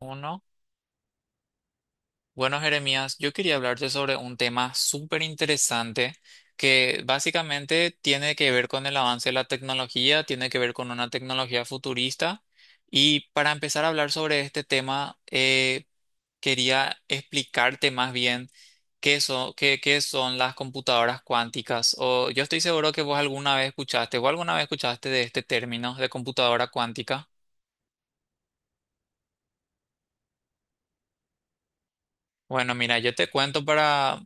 Uno. Bueno, Jeremías, yo quería hablarte sobre un tema súper interesante que básicamente tiene que ver con el avance de la tecnología, tiene que ver con una tecnología futurista. Y para empezar a hablar sobre este tema, quería explicarte más bien qué son, qué son las computadoras cuánticas. O yo estoy seguro que vos alguna vez escuchaste o alguna vez escuchaste de este término de computadora cuántica. Bueno, mira, yo te cuento para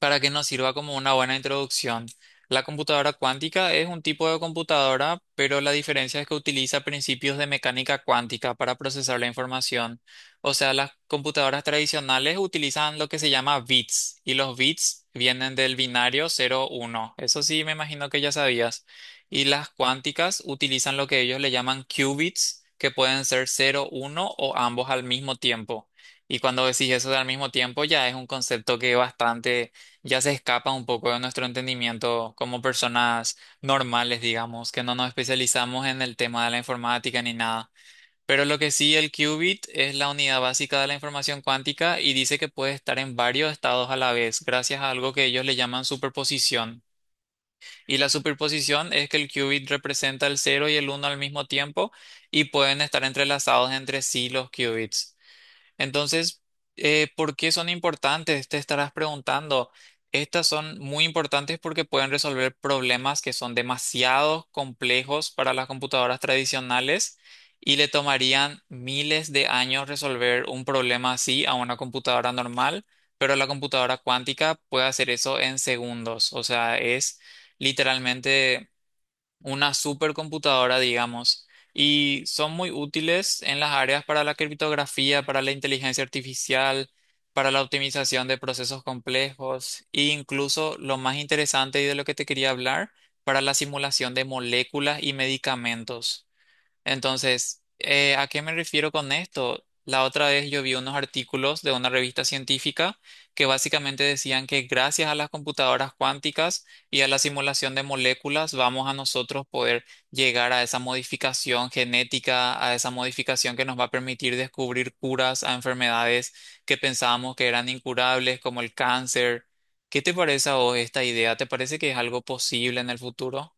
para que nos sirva como una buena introducción. La computadora cuántica es un tipo de computadora, pero la diferencia es que utiliza principios de mecánica cuántica para procesar la información. O sea, las computadoras tradicionales utilizan lo que se llama bits y los bits vienen del binario cero uno. Eso sí, me imagino que ya sabías. Y las cuánticas utilizan lo que ellos le llaman qubits, que pueden ser cero uno o ambos al mismo tiempo. Y cuando decís eso de al mismo tiempo, ya es un concepto que es bastante, ya se escapa un poco de nuestro entendimiento como personas normales, digamos, que no nos especializamos en el tema de la informática ni nada. Pero lo que sí, el qubit es la unidad básica de la información cuántica y dice que puede estar en varios estados a la vez, gracias a algo que ellos le llaman superposición. Y la superposición es que el qubit representa el cero y el uno al mismo tiempo y pueden estar entrelazados entre sí los qubits. Entonces, ¿por qué son importantes? Te estarás preguntando. Estas son muy importantes porque pueden resolver problemas que son demasiado complejos para las computadoras tradicionales y le tomarían miles de años resolver un problema así a una computadora normal, pero la computadora cuántica puede hacer eso en segundos. O sea, es literalmente una supercomputadora, digamos, y son muy útiles en las áreas para la criptografía, para la inteligencia artificial, para la optimización de procesos complejos e incluso lo más interesante y de lo que te quería hablar, para la simulación de moléculas y medicamentos. Entonces, ¿a qué me refiero con esto? La otra vez yo vi unos artículos de una revista científica que básicamente decían que gracias a las computadoras cuánticas y a la simulación de moléculas vamos a nosotros poder llegar a esa modificación genética, a esa modificación que nos va a permitir descubrir curas a enfermedades que pensábamos que eran incurables, como el cáncer. ¿Qué te parece a vos esta idea? ¿Te parece que es algo posible en el futuro?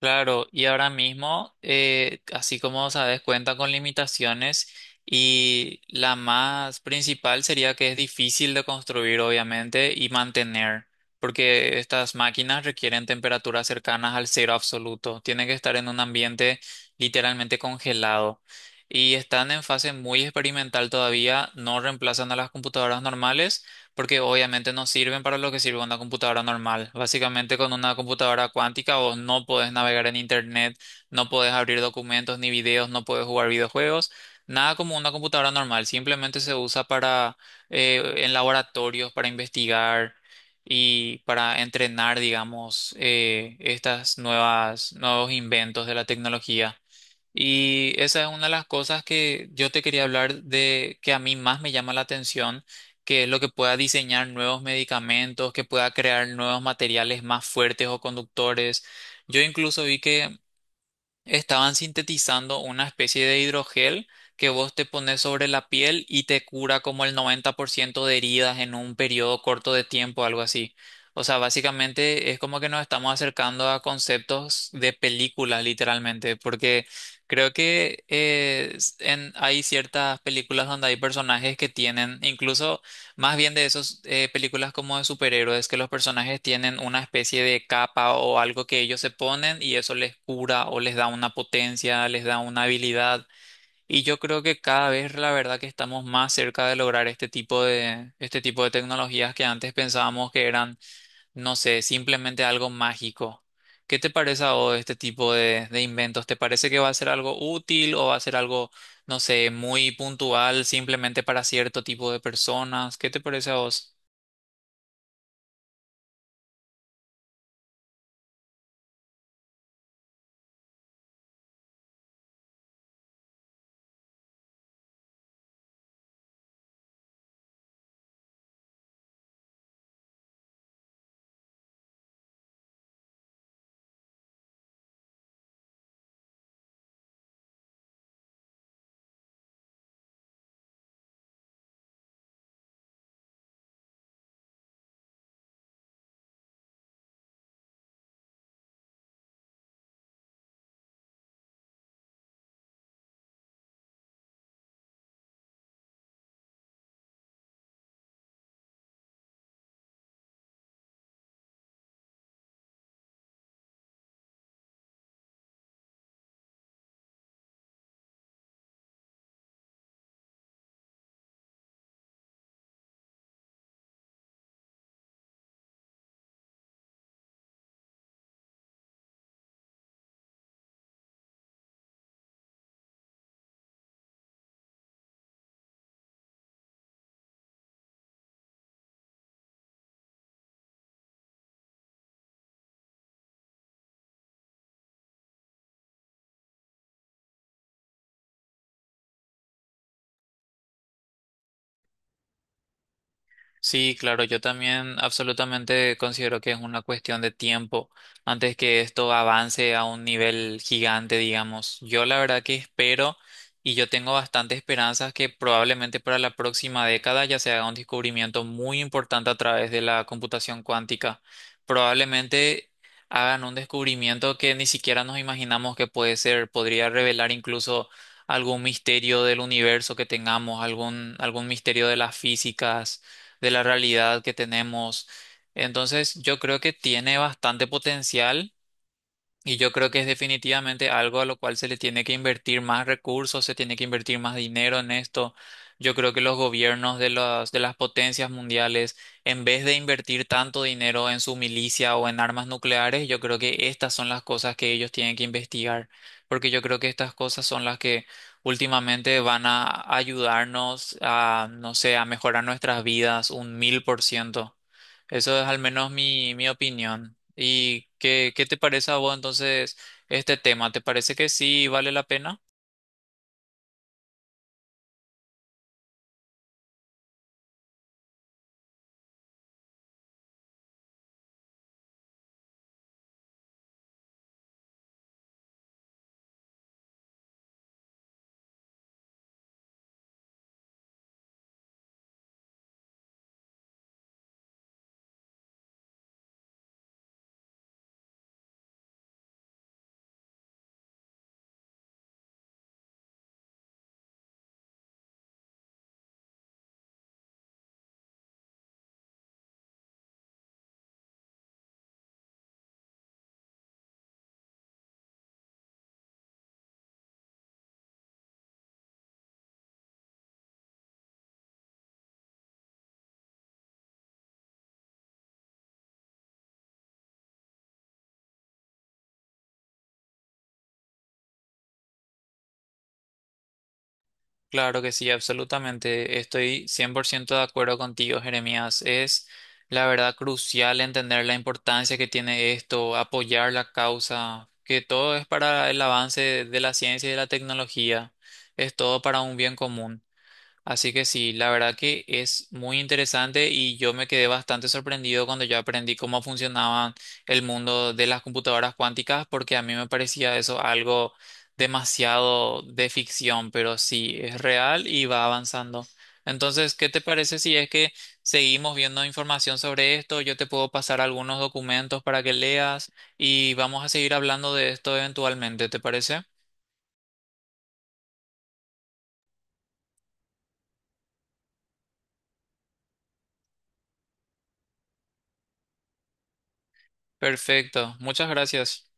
Claro, y ahora mismo, así como sabes, cuenta con limitaciones y la más principal sería que es difícil de construir, obviamente, y mantener, porque estas máquinas requieren temperaturas cercanas al cero absoluto, tienen que estar en un ambiente literalmente congelado y están en fase muy experimental todavía, no reemplazan a las computadoras normales porque obviamente no sirven para lo que sirve una computadora normal. Básicamente con una computadora cuántica vos no podés navegar en internet, no podés abrir documentos ni videos, no podés jugar videojuegos, nada como una computadora normal, simplemente se usa para en laboratorios, para investigar y para entrenar, digamos, estas nuevas, nuevos inventos de la tecnología. Y esa es una de las cosas que yo te quería hablar de que a mí más me llama la atención, que es lo que pueda diseñar nuevos medicamentos, que pueda crear nuevos materiales más fuertes o conductores. Yo incluso vi que estaban sintetizando una especie de hidrogel que vos te pones sobre la piel y te cura como el 90% de heridas en un periodo corto de tiempo, algo así. O sea, básicamente es como que nos estamos acercando a conceptos de películas, literalmente, porque creo que hay ciertas películas donde hay personajes que tienen, incluso más bien de esas películas como de superhéroes, que los personajes tienen una especie de capa o algo que ellos se ponen y eso les cura o les da una potencia, les da una habilidad. Y yo creo que cada vez la verdad que estamos más cerca de lograr este tipo de tecnologías que antes pensábamos que eran, no sé, simplemente algo mágico. ¿Qué te parece a vos este tipo de inventos? ¿Te parece que va a ser algo útil o va a ser algo, no sé, muy puntual, simplemente para cierto tipo de personas? ¿Qué te parece a vos? Sí, claro, yo también absolutamente considero que es una cuestión de tiempo antes que esto avance a un nivel gigante, digamos. Yo la verdad que espero y yo tengo bastante esperanzas que probablemente para la próxima década ya se haga un descubrimiento muy importante a través de la computación cuántica. Probablemente hagan un descubrimiento que ni siquiera nos imaginamos que puede ser, podría revelar incluso algún misterio del universo que tengamos, algún misterio de las físicas de la realidad que tenemos. Entonces, yo creo que tiene bastante potencial. Y yo creo que es definitivamente algo a lo cual se le tiene que invertir más recursos, se tiene que invertir más dinero en esto. Yo creo que los gobiernos de las potencias mundiales, en vez de invertir tanto dinero en su milicia o en armas nucleares, yo creo que estas son las cosas que ellos tienen que investigar, porque yo creo que estas cosas son las que últimamente van a ayudarnos a, no sé, a mejorar nuestras vidas un 1000%. Eso es al menos mi opinión. ¿Y qué, qué te parece a vos entonces este tema? ¿Te parece que sí vale la pena? Claro que sí, absolutamente. Estoy 100% de acuerdo contigo, Jeremías. Es la verdad crucial entender la importancia que tiene esto, apoyar la causa, que todo es para el avance de la ciencia y de la tecnología. Es todo para un bien común. Así que sí, la verdad que es muy interesante y yo me quedé bastante sorprendido cuando yo aprendí cómo funcionaba el mundo de las computadoras cuánticas, porque a mí me parecía eso algo demasiado de ficción, pero sí, es real y va avanzando. Entonces, ¿qué te parece si es que seguimos viendo información sobre esto? Yo te puedo pasar algunos documentos para que leas y vamos a seguir hablando de esto eventualmente, ¿te parece? Perfecto, muchas gracias.